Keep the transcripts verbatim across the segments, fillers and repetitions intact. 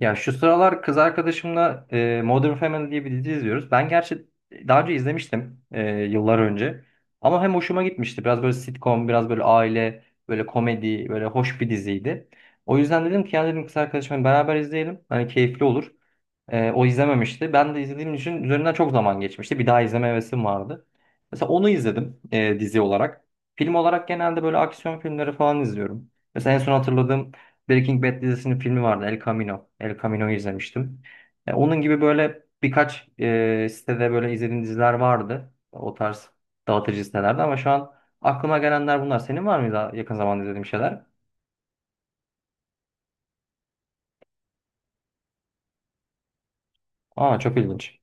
Ya şu sıralar kız arkadaşımla e, Modern Family diye bir dizi izliyoruz. Ben gerçi daha önce izlemiştim, e, yıllar önce. Ama hem hoşuma gitmişti. Biraz böyle sitcom, biraz böyle aile, böyle komedi, böyle hoş bir diziydi. O yüzden dedim ki ya, dedim, kız arkadaşımla beraber izleyelim. Hani keyifli olur. E, o izlememişti. Ben de izlediğim için üzerinden çok zaman geçmişti. Bir daha izleme hevesim vardı. Mesela onu izledim, e, dizi olarak. Film olarak genelde böyle aksiyon filmleri falan izliyorum. Mesela en son hatırladığım, Breaking Bad dizisinin filmi vardı, El Camino. El Camino'yu izlemiştim. E, onun gibi böyle birkaç e, sitede böyle izlediğim diziler vardı. O tarz dağıtıcı sitelerde, ama şu an aklıma gelenler bunlar. Senin var mıydı yakın zamanda izlediğim şeyler? Aa, çok ilginç.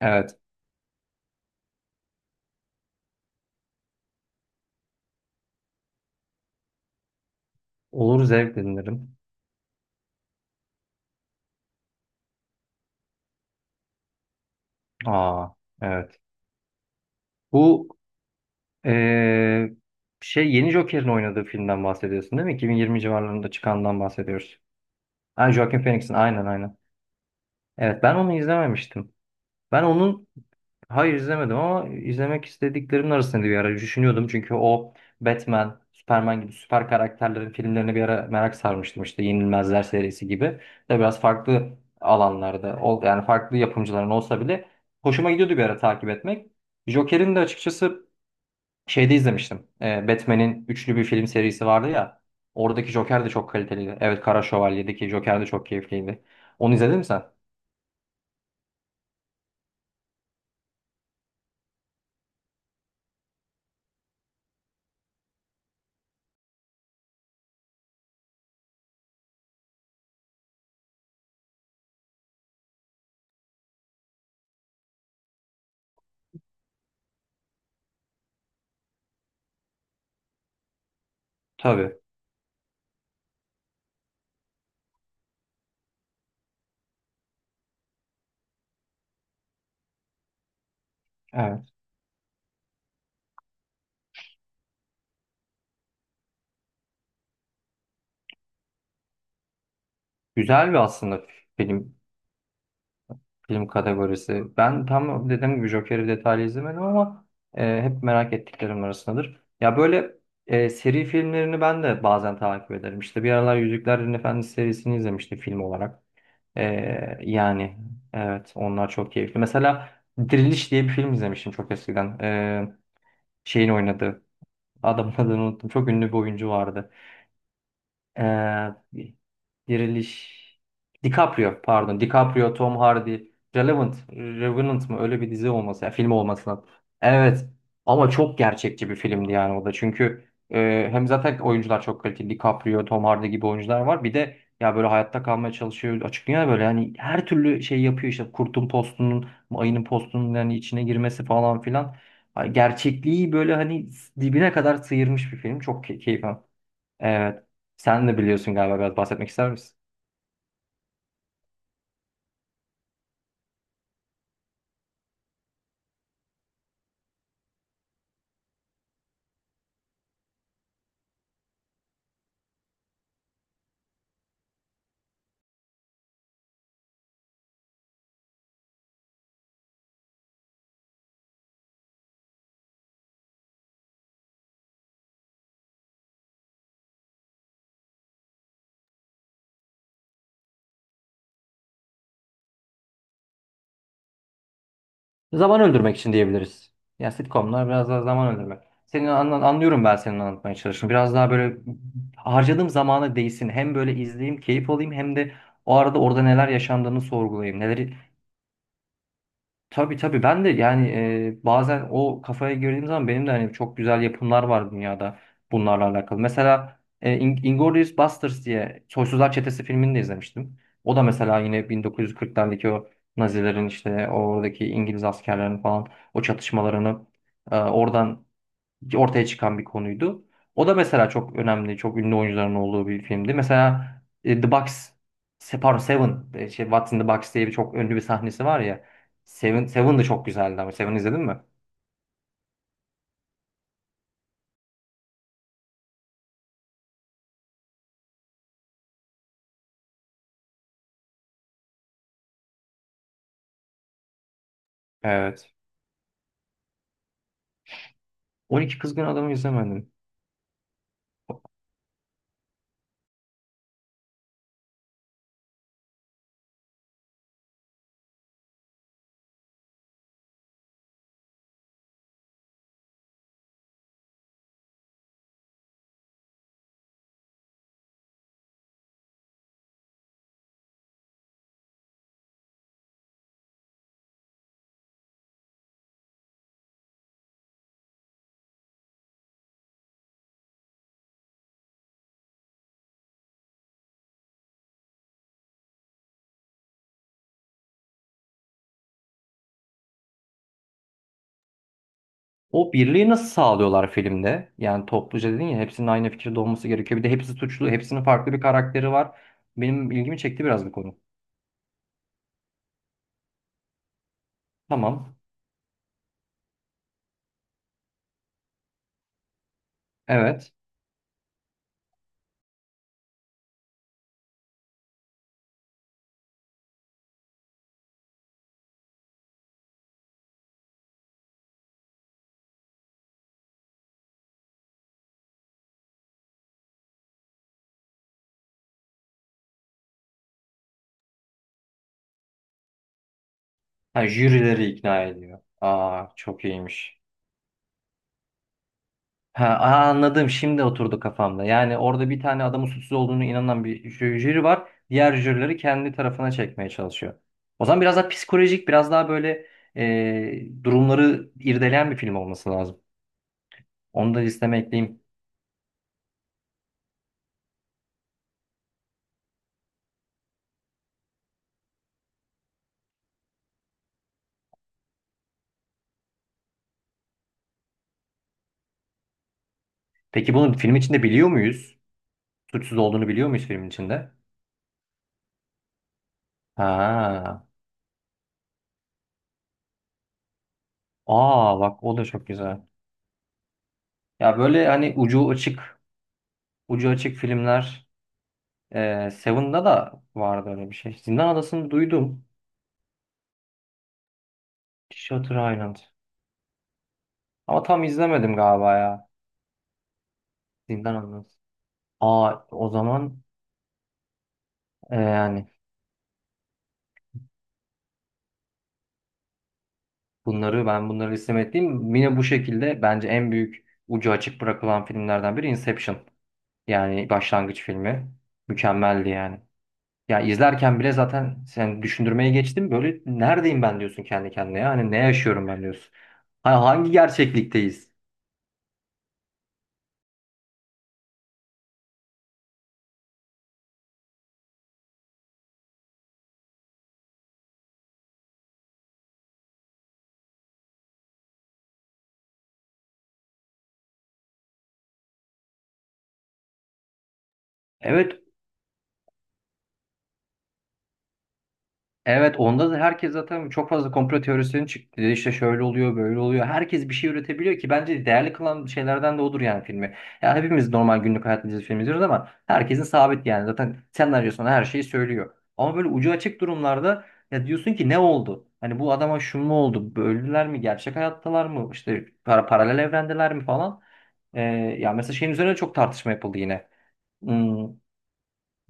Evet. Olur, zevkle dinlerim. Aa, evet. Bu e, şey yeni Joker'in oynadığı filmden bahsediyorsun değil mi? iki bin yirmi civarlarında çıkandan bahsediyoruz. Ha, Joaquin Phoenix'in, aynen aynen. Evet, ben onu izlememiştim. Ben onun Hayır, izlemedim, ama izlemek istediklerimin arasında bir ara düşünüyordum. Çünkü o Batman, Superman gibi süper karakterlerin filmlerine bir ara merak sarmıştım. İşte Yenilmezler serisi gibi. De biraz farklı alanlarda, ol- yani farklı yapımcıların olsa bile hoşuma gidiyordu bir ara takip etmek. Joker'in de açıkçası şeyde izlemiştim. Ee, Batman'in üçlü bir film serisi vardı ya. Oradaki Joker de çok kaliteliydi. Evet, Kara Şövalye'deki Joker de çok keyifliydi. Onu izledin mi sen? Tabii. Evet. Güzel bir aslında film. Film kategorisi. Ben tam dediğim gibi Joker'i detaylı izlemedim ama e, hep merak ettiklerim arasındadır. Ya böyle e, seri filmlerini ben de bazen takip ederim. İşte bir aralar Yüzüklerin Efendisi serisini izlemiştim film olarak. E, yani, evet, onlar çok keyifli. Mesela Diriliş diye bir film izlemiştim çok eskiden. E, şeyin oynadığı. Adamın adını unuttum. Çok ünlü bir oyuncu vardı. E, Diriliş. DiCaprio, pardon. DiCaprio, Tom Hardy. Relevant. Revenant mı? Öyle bir dizi olması. Yani film olması lazım. Evet. Ama çok gerçekçi bir filmdi yani o da. Çünkü e, hem zaten oyuncular çok kaliteli. DiCaprio, Tom Hardy gibi oyuncular var. Bir de ya böyle hayatta kalmaya çalışıyor. Açıklıyor ya böyle, yani her türlü şey yapıyor işte. Kurtun postunun, ayının postunun yani içine girmesi falan filan. Hani gerçekliği böyle hani dibine kadar sıyırmış bir film. Çok key- keyif. Evet. Sen de biliyorsun galiba, biraz bahsetmek ister misin? Zaman öldürmek için diyebiliriz. Ya sitcomlar biraz daha zaman öldürmek. Senin anla- anlıyorum ben senin anlatmaya çalıştığını. Biraz daha böyle harcadığım zamana değsin. Hem böyle izleyeyim, keyif alayım hem de o arada orada neler yaşandığını sorgulayayım. Neleri Tabii tabii ben de yani e, bazen o kafaya girdiğim zaman benim de hani çok güzel yapımlar var dünyada bunlarla alakalı. Mesela e, In- Inglourious Basterds diye, Soysuzlar Çetesi filmini de izlemiştim. O da mesela yine bin dokuz yüz kırklardaki o Nazilerin, işte oradaki İngiliz askerlerinin falan o çatışmalarını, e, oradan ortaya çıkan bir konuydu. O da mesela çok önemli, çok ünlü oyuncuların olduğu bir filmdi. Mesela e, The Box, se- pardon, Seven, e, şey, What's in the Box diye bir çok ünlü bir sahnesi var ya. Seven, Seven de çok güzeldi ama Seven izledin mi? Evet. On iki Kızgın Adamı izlemedim. O birliği nasıl sağlıyorlar filmde? Yani topluca dedin ya hepsinin aynı fikirde olması gerekiyor. Bir de hepsi suçlu, hepsinin farklı bir karakteri var. Benim ilgimi çekti biraz bu konu. Tamam. Evet. Ha, jürileri ikna ediyor. Aa çok iyiymiş. Ha, aa, anladım. Şimdi oturdu kafamda. Yani orada bir tane adamın suçsuz olduğunu inanan bir jü- jüri var. Diğer jürileri kendi tarafına çekmeye çalışıyor. O zaman biraz daha psikolojik, biraz daha böyle e, durumları irdeleyen bir film olması lazım. Onu da listeme ekleyeyim. Peki bunu film içinde biliyor muyuz? Suçsuz olduğunu biliyor muyuz filmin içinde? Ha. Aa bak, o da çok güzel. Ya böyle hani ucu açık, ucu açık filmler. E, Seven'da da vardı öyle bir şey. Zindan Adası'nı duydum. Shutter Island. Ama tam izlemedim galiba ya. Zindan Adası. Aa, o zaman e, yani, bunları ben bunları istemediğim yine bu şekilde, bence en büyük ucu açık bırakılan filmlerden biri Inception. Yani başlangıç filmi. Mükemmeldi yani. Ya izlerken bile zaten sen düşündürmeye geçtim. Böyle neredeyim ben diyorsun kendi kendine ya. Hani ne yaşıyorum ben diyorsun. Ha, hangi gerçeklikteyiz? Evet. Evet, onda da herkes zaten çok fazla komplo teorisinin çıktı. İşte şöyle oluyor, böyle oluyor. Herkes bir şey üretebiliyor ki bence değerli kılan şeylerden de odur yani, filmi. Ya hepimiz normal günlük hayatımızda film izliyoruz ama herkesin sabit yani. Zaten senaryosuna her şeyi söylüyor. Ama böyle ucu açık durumlarda ya diyorsun ki, ne oldu? Hani bu adama şu mu oldu? Öldüler mi? Gerçek hayattalar mı? İşte para paralel evrendeler mi falan. Ee, ya mesela şeyin üzerine çok tartışma yapıldı yine. Hmm.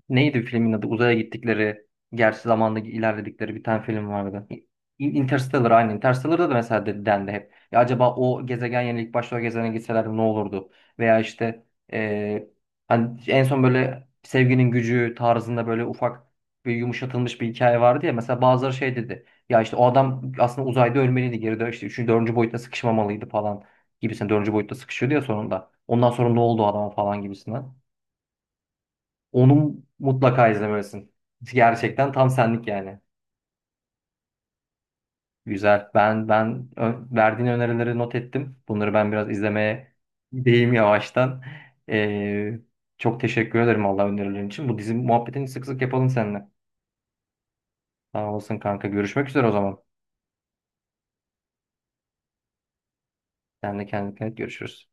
Neydi filmin adı? Uzaya gittikleri, gerçi zamanda ilerledikleri bir tane film vardı. İn- Interstellar, aynı. Interstellar'da da mesela de- dendi hep. Ya acaba o gezegen yerine ilk başta o gezegene gitselerdi ne olurdu? Veya işte, eee, hani en son böyle sevginin gücü tarzında böyle ufak bir yumuşatılmış bir hikaye vardı ya. Mesela bazıları şey dedi. Ya işte o adam aslında uzayda ölmeliydi. Geri dön, işte üçüncü dördüncü boyutta sıkışmamalıydı falan gibisinden. Dördüncü boyutta sıkışıyordu ya sonunda. Ondan sonra ne oldu o adama falan gibisinden. Onu mutlaka izlemelisin. Gerçekten tam senlik yani. Güzel. Ben ben ö- verdiğin önerileri not ettim. Bunları ben biraz izlemeye gideyim yavaştan. Ee, çok teşekkür ederim Allah önerilerin için. Bu dizi muhabbetini sık sık yapalım seninle. Sağ olasın kanka. Görüşmek üzere o zaman. Sen de kendine dikkat et. Görüşürüz.